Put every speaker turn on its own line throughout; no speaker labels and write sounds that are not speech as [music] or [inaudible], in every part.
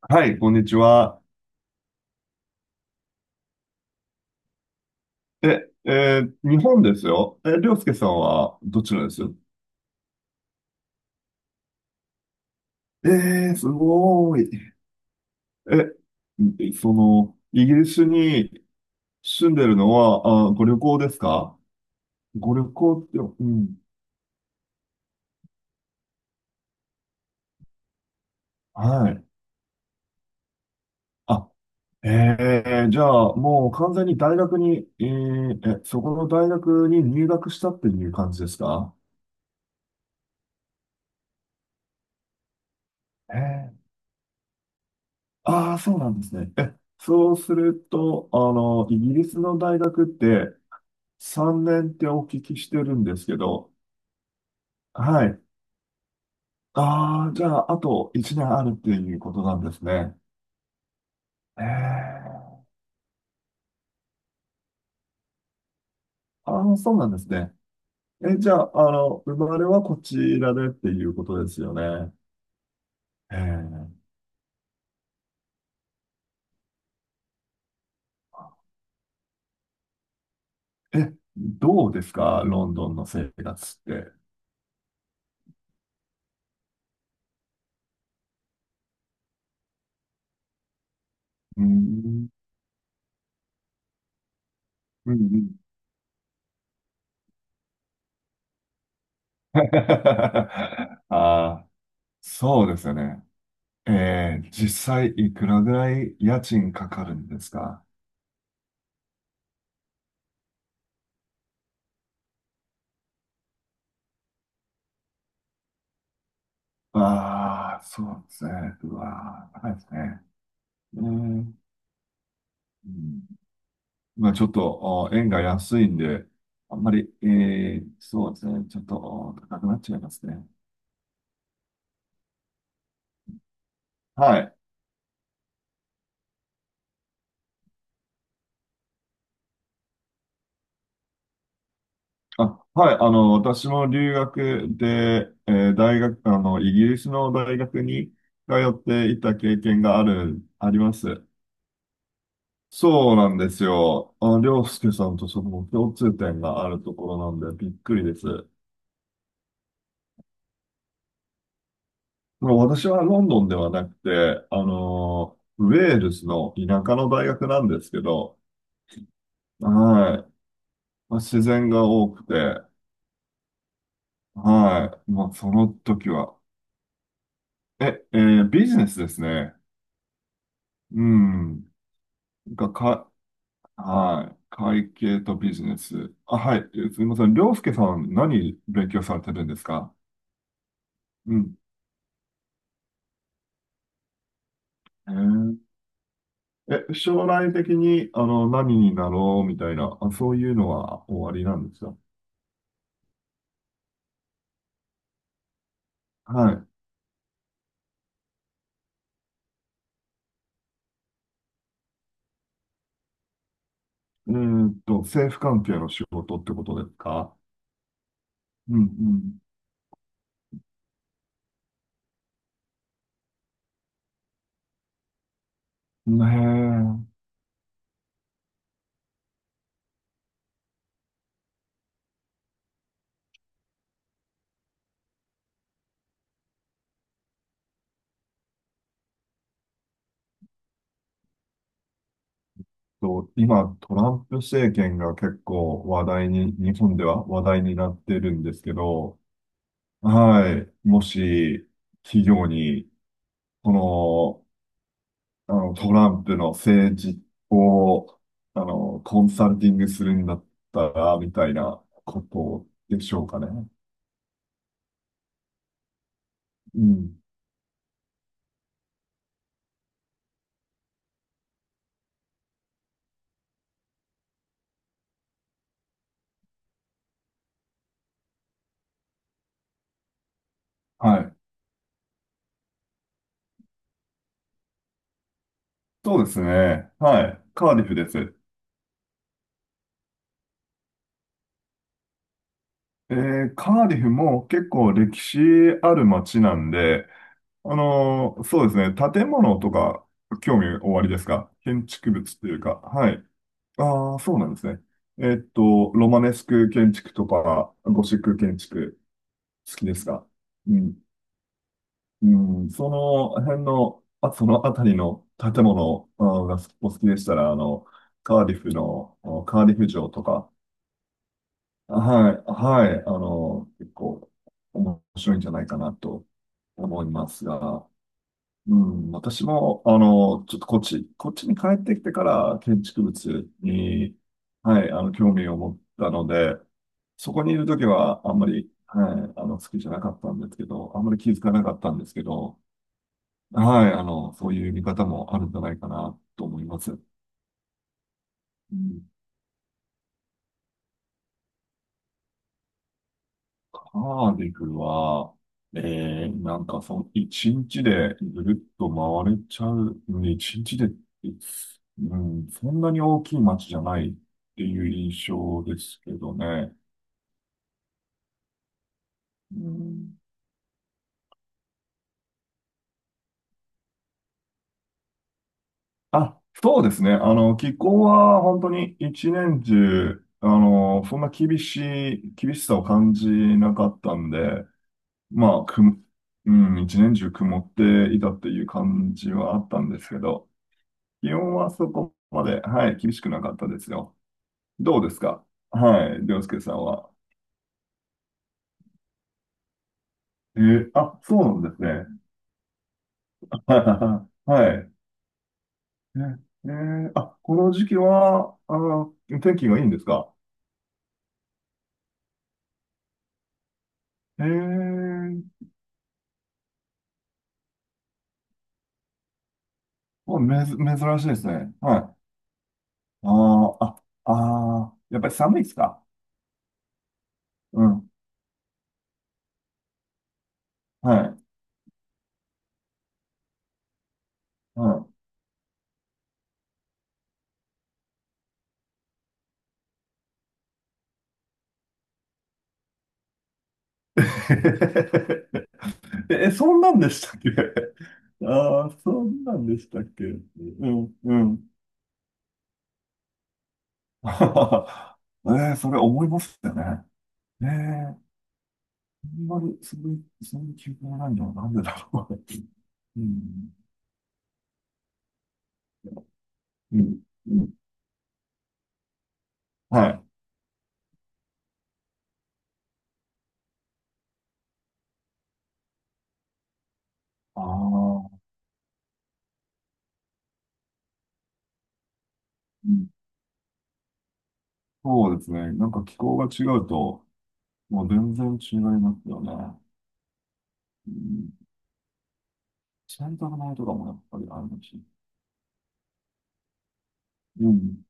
はい、こんにちは。え、えー日本ですよ。え、りょうすけさんはどちらですよ？えー、すごーい。え、その、イギリスに住んでるのは、あ、ご旅行ですか？ご旅行って、うん。はい。あ、えー、じゃあ、もう完全に大学に、そこの大学に入学したっていう感じですか？えー、ああ、そうなんですね。え、そうすると、あの、イギリスの大学って、3年ってお聞きしてるんですけど、はい。ああ、じゃあ、あと1年あるっていうことなんですね。ええ。ああ、そうなんですね。え、じゃあ、あの、生まれはこちらでっていうことですよね。ええ。え、どうですかロンドンの生活って。うーん。うんうん。[laughs] ああ、そうですよね。ええ、実際いくらぐらい家賃かかるんですか？ああ、そうですね。うわー、高いですね。ね、うん、まあちょっと、あー円が安いんで、あんまり、えー、そうですね。ちょっとあー高くなっちゃいますね。はい。あ、はい。あの、私も留学で、えー大学、あの、イギリスの大学に通っていた経験がある、あります。そうなんですよ。あ、りょうすけさんとその共通点があるところなんで、びっくりです。もう私はロンドンではなくて、あのーウェールズの田舎の大学なんですけど、はい。まあ、自然が多くて、はい。まその時は、え、えービジネスですね。うん。が、か、はい。会計とビジネス。あ、はい。えすみません。りょうすけさん、何勉強されてるんですか？うん。えーえ、将来的に、あの、何になろうみたいな、あ、そういうのは終わりなんですか？はい。うーんと、政府関係の仕事ってことですか？うんうん。ねえ。と、今、トランプ政権が結構話題に、日本では話題になってるんですけど、はい。もし、企業に、この、あの、トランプの政治を、あの、コンサルティングするんだったら、みたいなことでしょうかね。うん。はい。そうですね。はい。カーディフです。えーカーディフも結構歴史ある街なんで、あのーそうですね、建物とか興味おありですか建築物というか、はい。ああ、そうなんですね。えーっと、ロマネスク建築とか、ゴシック建築、好きですか？うん、うん、その辺の、あ、その辺りの建物あーがお好きでしたら、あの、カーディフの、あのカーディフ城とか、はい、はい、あの、結構面白いんじゃないかなと思いますが、うん、私も、あの、ちょっとこっちに帰ってきてから建築物に、はい、あの、興味を持ったので、そこにいるときはあんまり、はい、あの、好きじゃなかったんですけど、あんまり気づかなかったんですけど、はい、あの、そういう見方もあるんじゃないかなと思います。うん。カーディフは、えー、なんかその一日でぐるっと回れちゃう、うん一日で、うん、そんなに大きい街じゃないっていう印象ですけどね。うん。あ、そうですね。あの、気候は本当に一年中、あの、そんな厳しい、厳しさを感じなかったんで、まあ、く、うん、一年中曇っていたっていう感じはあったんですけど、気温はそこまで、はい、厳しくなかったですよ。どうですか？はい、涼介さんは。えーあ、そうなんですね。[laughs] はい。えーあ、この時期は、あの、天気がいいんですか？えー、もうめず、珍しいですね。はい。あーあ、あー、やっぱり寒いですか？うん。はい。うん [laughs] え、えそんなんでしたっけ？ [laughs] ああ、そんなんでしたっけ？うん、うん。[laughs] ええ、それ思いますよね。ええ、あんまり、そういう記憶がないのはなんでだろうね。[laughs] うん、うん、うん。はい。ああ、うん、そうですね。なんか気候が違うと、もう全然違いますよね。うん、洗濯物とかもやっぱりあるし。うん。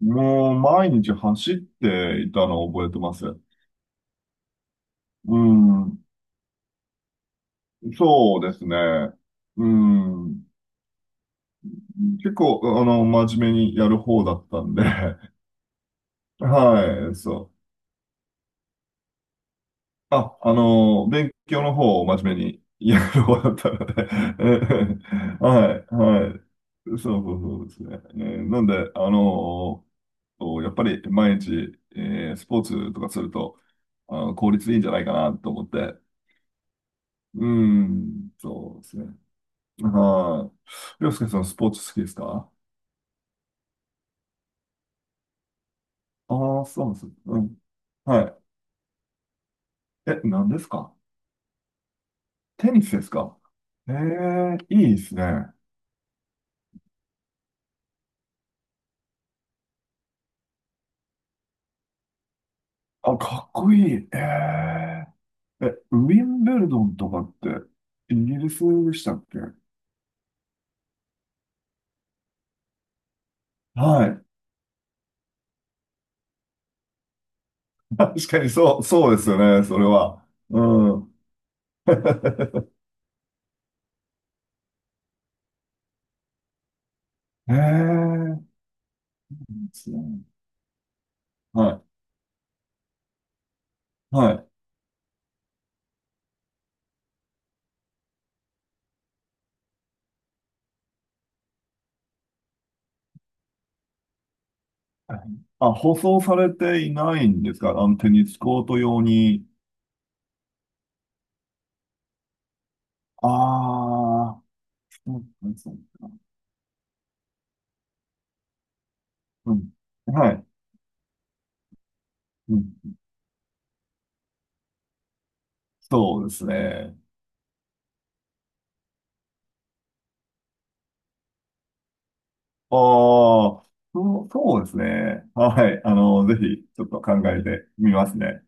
もう毎日走っていたのを覚えてます。うん。そうですね。うん。結構、あの、真面目にやる方だったんで、[laughs] はい、そう。あ、あの、勉強の方を真面目にやる方だったので、[laughs] えはい、はい。そうそうそうですね。えーなんで、あの、やっぱり毎日、えースポーツとかすると、あの、効率いいんじゃないかなと思って、うん、そうですね。はい。りょうすけさん、スポーツ好きですか？ああー、そうなんです。うん。はい。え、何ですか？テニスですか？ええいいですね。あ、かっこいい。えええ、ウィンブルドンとかってイギリスでしたっけ？はい。[laughs] 確かにそうですよね、それは。うん。[laughs] ええいいですね。はい、はい。あ、舗装されていないんですかあの、テニスコート用に。ああ、そうか。うん。はい。うん。そうですね。ああ、そうそうですね。はい。あの、ぜひ、ちょっと考えてみますね。